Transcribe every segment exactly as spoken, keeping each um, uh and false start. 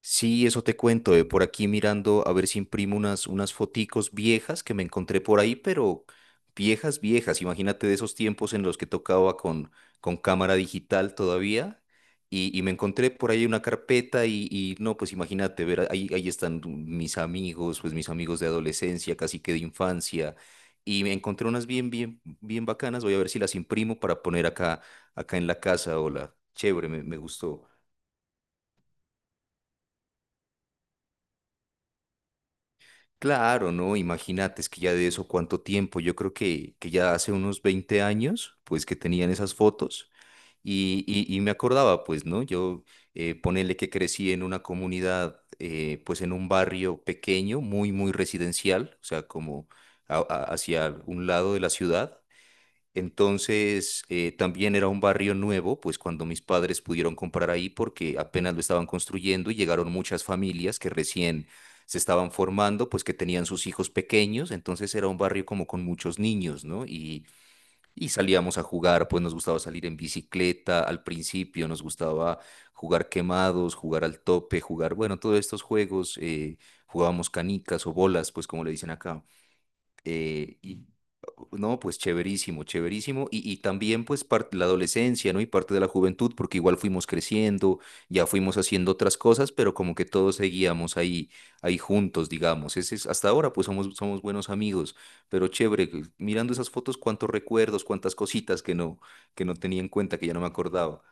Sí, eso te cuento, eh, por aquí mirando a ver si imprimo unas, unas foticos viejas que me encontré por ahí, pero viejas, viejas. Imagínate de esos tiempos en los que tocaba con, con cámara digital todavía. Y, y me encontré por ahí una carpeta y, y no, pues imagínate, ver, ahí, ahí están mis amigos, pues mis amigos de adolescencia, casi que de infancia. Y me encontré unas bien, bien, bien bacanas. Voy a ver si las imprimo para poner acá, acá en la casa. Hola, chévere, me, me gustó. Claro, no, imagínate, es que ya de eso cuánto tiempo, yo creo que, que ya hace unos veinte años, pues que tenían esas fotos y, y- y me acordaba, pues, ¿no? Yo eh, ponele que crecí en una comunidad, eh, pues en un barrio pequeño, muy, muy residencial, o sea, como a- a- hacia un lado de la ciudad. Entonces, eh, también era un barrio nuevo, pues cuando mis padres pudieron comprar ahí porque apenas lo estaban construyendo y llegaron muchas familias que recién se estaban formando, pues que tenían sus hijos pequeños, entonces era un barrio como con muchos niños, ¿no? Y, y salíamos a jugar, pues nos gustaba salir en bicicleta al principio, nos gustaba jugar quemados, jugar al tope, jugar, bueno, todos estos juegos, eh, jugábamos canicas o bolas, pues como le dicen acá. Eh, y uh, no, pues chéverísimo, chéverísimo. Y, y también pues parte la adolescencia, ¿no? Y parte de la juventud, porque igual fuimos creciendo, ya fuimos haciendo otras cosas, pero como que todos seguíamos ahí, ahí juntos, digamos. Ese es, hasta ahora pues somos, somos buenos amigos, pero chévere, que- mirando esas fotos, cuántos recuerdos, cuántas cositas que no, que no tenía en cuenta, que ya no me acordaba.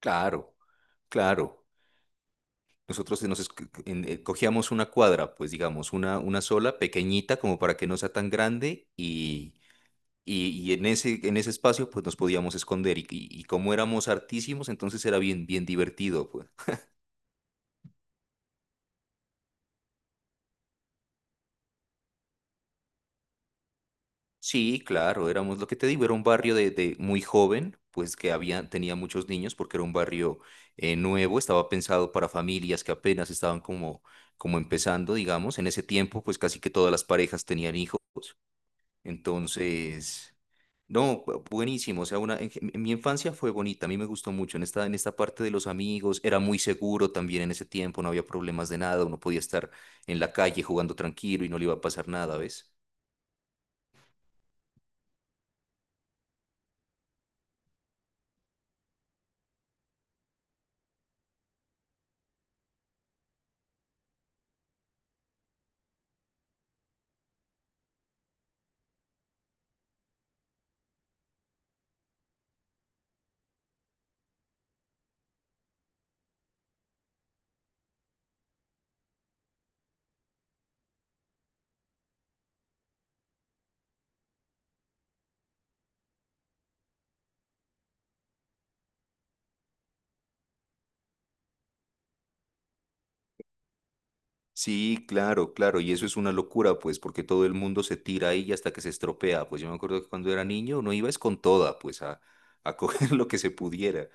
Claro, claro. Nosotros nos esco- en- eh, cogíamos una cuadra, pues digamos, una, una sola, pequeñita, como para que no sea tan grande, y, Y, y en ese, en ese espacio pues nos podíamos esconder y, y- y como éramos artísimos, entonces era bien, bien divertido, pues. Sí, claro, éramos lo que te digo, era un barrio de, de muy joven, pues que había, tenía muchos niños porque era un barrio eh, nuevo, estaba pensado para familias que apenas estaban como, como empezando, digamos. En ese tiempo pues casi que todas las parejas tenían hijos, entonces... No, bu- buenísimo. O sea, una, en, en mi infancia fue bonita, a mí me gustó mucho. En esta, en esta parte de los amigos, era muy seguro también en ese tiempo, no había problemas de nada, uno podía estar en la calle jugando tranquilo y no le iba a pasar nada, ¿ves? Sí, claro, claro, y eso es una locura, pues, porque todo el mundo se tira ahí hasta que se estropea. Pues yo me acuerdo que cuando era niño uno iba es con toda, pues, a, a coger lo que se pudiera.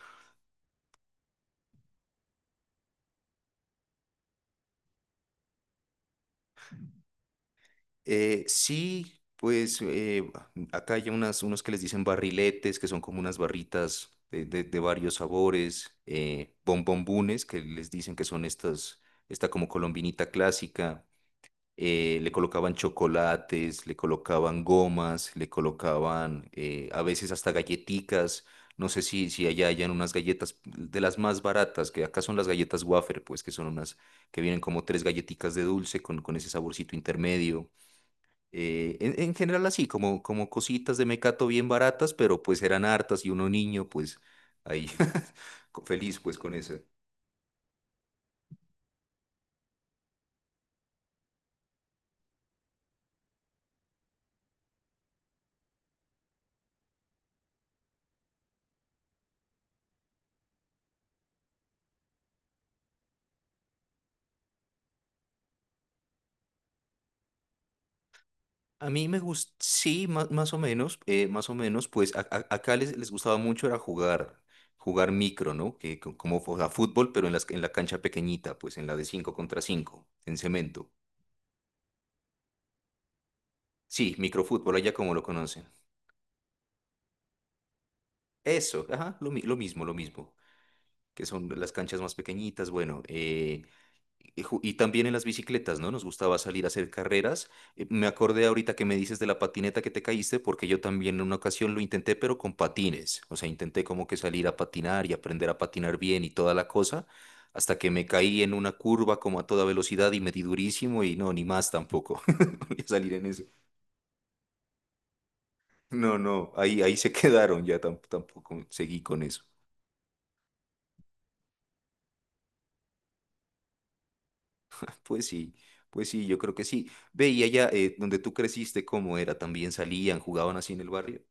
Eh, sí, pues eh, acá hay unas, unos que les dicen barriletes, que son como unas barritas de, de- de varios sabores, eh, bombombunes, que les dicen que son estas, esta como colombinita clásica. eh, le colocaban chocolates, le colocaban gomas, le colocaban eh, a veces hasta galleticas. No sé si, si allá hayan unas galletas de las más baratas, que acá son las galletas wafer, pues que son unas que vienen como tres galletitas de dulce con, con ese saborcito intermedio. Eh, en, en general así, como, como cositas de mecato bien baratas, pero pues eran hartas y uno niño, pues ahí co- feliz pues con eso. A mí me gusta, sí, más más, o menos, eh, más o menos, pues a- a- acá les, les gustaba mucho era jugar, jugar, micro, ¿no? Que co- como, o sea, fútbol, pero en las- en la cancha pequeñita, pues en la de cinco contra cinco en cemento. Sí, microfútbol, allá como lo conocen. Eso, ajá, lo, mi- lo mismo, lo mismo, que son las canchas más pequeñitas, bueno, eh, Y ju- y también en las bicicletas, ¿no? Nos gustaba salir a hacer carreras. Eh, Me acordé ahorita que me dices de la patineta que te caíste, porque yo también en una ocasión lo intenté, pero con patines. O sea, intenté como que salir a patinar y aprender a patinar bien y toda la cosa, hasta que me caí en una curva como a toda velocidad y me di durísimo y no, ni más tampoco. Voy a salir en eso. No, no, ahí, ahí se quedaron, ya tam- tampoco seguí con eso. Pues sí, pues sí, yo creo que sí. Ve, y allá eh, donde tú creciste, ¿cómo era? ¿También salían, jugaban así en el barrio?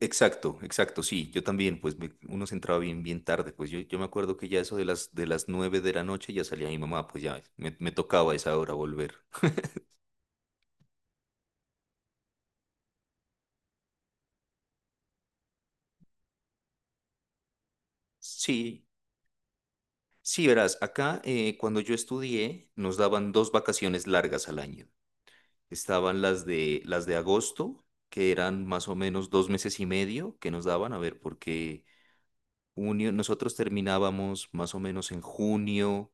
Exacto, exacto, sí, yo también, pues me- uno se entraba bien, bien tarde, pues yo, yo me acuerdo que ya eso de las, de las nueve de la noche ya salía mi mamá, pues ya me, me tocaba a esa hora volver. Sí, sí, verás, acá eh, cuando yo estudié nos daban dos vacaciones largas al año. Estaban las de, las de agosto, que eran más o menos dos meses y medio que nos daban, a ver, porque junio, nosotros terminábamos más o menos en junio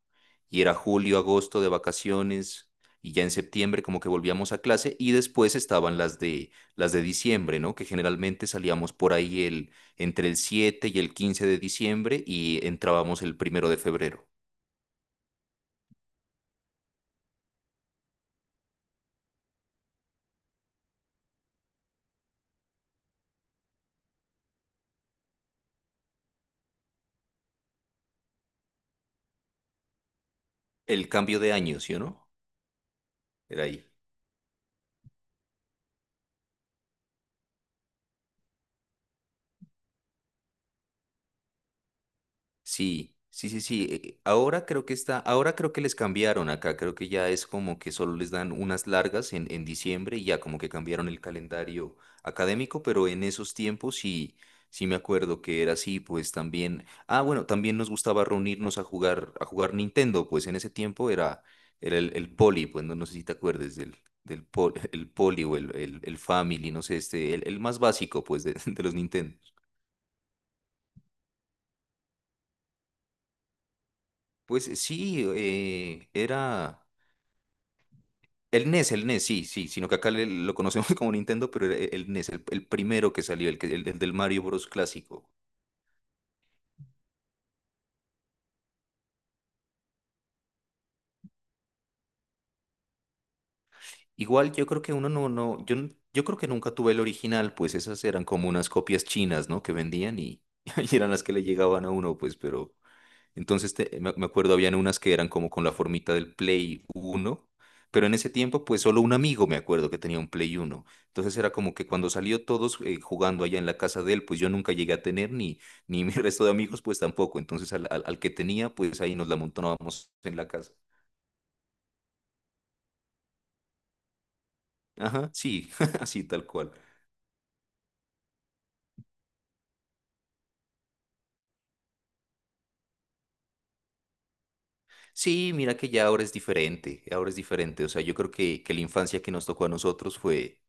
y era julio, agosto de vacaciones y ya en septiembre como que volvíamos a clase y después estaban las de las de diciembre, ¿no? Que generalmente salíamos por ahí el entre el siete y el quince de diciembre y entrábamos el primero de febrero. El cambio de año, ¿sí o no? Era ahí. Sí, sí, sí, sí. eh, Ahora creo que está, ahora creo que les cambiaron acá. Creo que ya es como que solo les dan unas largas en, en diciembre y ya como que cambiaron el calendario académico, pero en esos tiempos sí, sí me acuerdo que era así, pues también. Ah, bueno, también nos gustaba reunirnos a jugar, a jugar, Nintendo, pues en ese tiempo era, era el, el poli, pues no, no sé si te acuerdes del, del pol- el poli o el, el, el family, no sé, este, el, el más básico, pues, de, de los Nintendo. Pues sí, eh, era. El N E S, el N E S, sí, sí, sino que acá le- lo conocemos como Nintendo, pero el, el N E S, el, el primero que salió, el, que- el- el del Mario Bros. Clásico. Igual yo creo que uno no, no, yo, n- yo creo que nunca tuve el original, pues esas eran como unas copias chinas, ¿no? Que vendían y, y eran las que le llegaban a uno, pues, pero entonces, te- me me acuerdo, habían unas que eran como con la formita del Play uno, pero en ese tiempo, pues solo un amigo me acuerdo que tenía un Play uno. Entonces era como que cuando salió todos eh, jugando allá en la casa de él, pues yo nunca llegué a tener, ni, ni mi resto de amigos, pues tampoco. Entonces al, al- al que tenía, pues ahí nos la montábamos en la casa. Ajá, sí, así tal cual. Sí, mira que ya ahora es diferente, ahora es diferente. O sea, yo creo que, que la infancia que nos tocó a nosotros fue,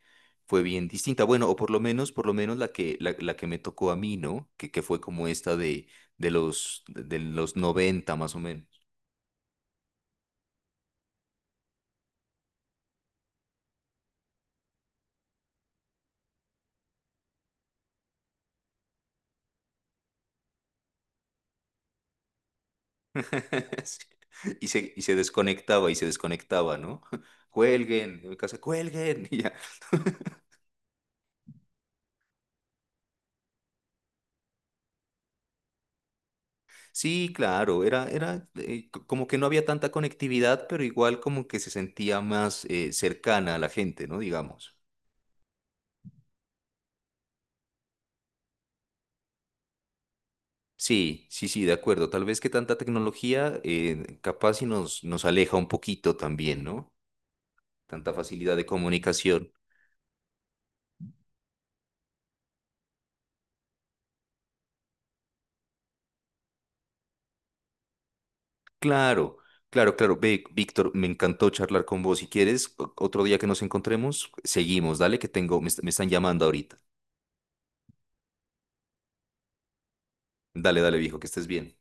fue bien distinta. Bueno, o por lo menos, por lo menos la que, la, la que me tocó a mí, ¿no? Que, que fue como esta de, de los, de los noventa más o menos. Sí. Y se, y se desconectaba, y se desconectaba, ¿no? Cuelguen, en mi casa, cuelguen. Y ya. Sí, claro, era, era eh, c- como que no había tanta conectividad, pero igual como que se sentía más eh, cercana a la gente, ¿no? Digamos. Sí, sí, sí, de acuerdo. Tal vez que tanta tecnología eh, capaz y nos, nos aleja un poquito también, ¿no? Tanta facilidad de comunicación. Claro, claro, claro. Ve, Víctor, me encantó charlar con vos. Si quieres, o- otro día que nos encontremos, seguimos. Dale, que tengo, me, est- me están llamando ahorita. Dale, dale, viejo, que estés bien.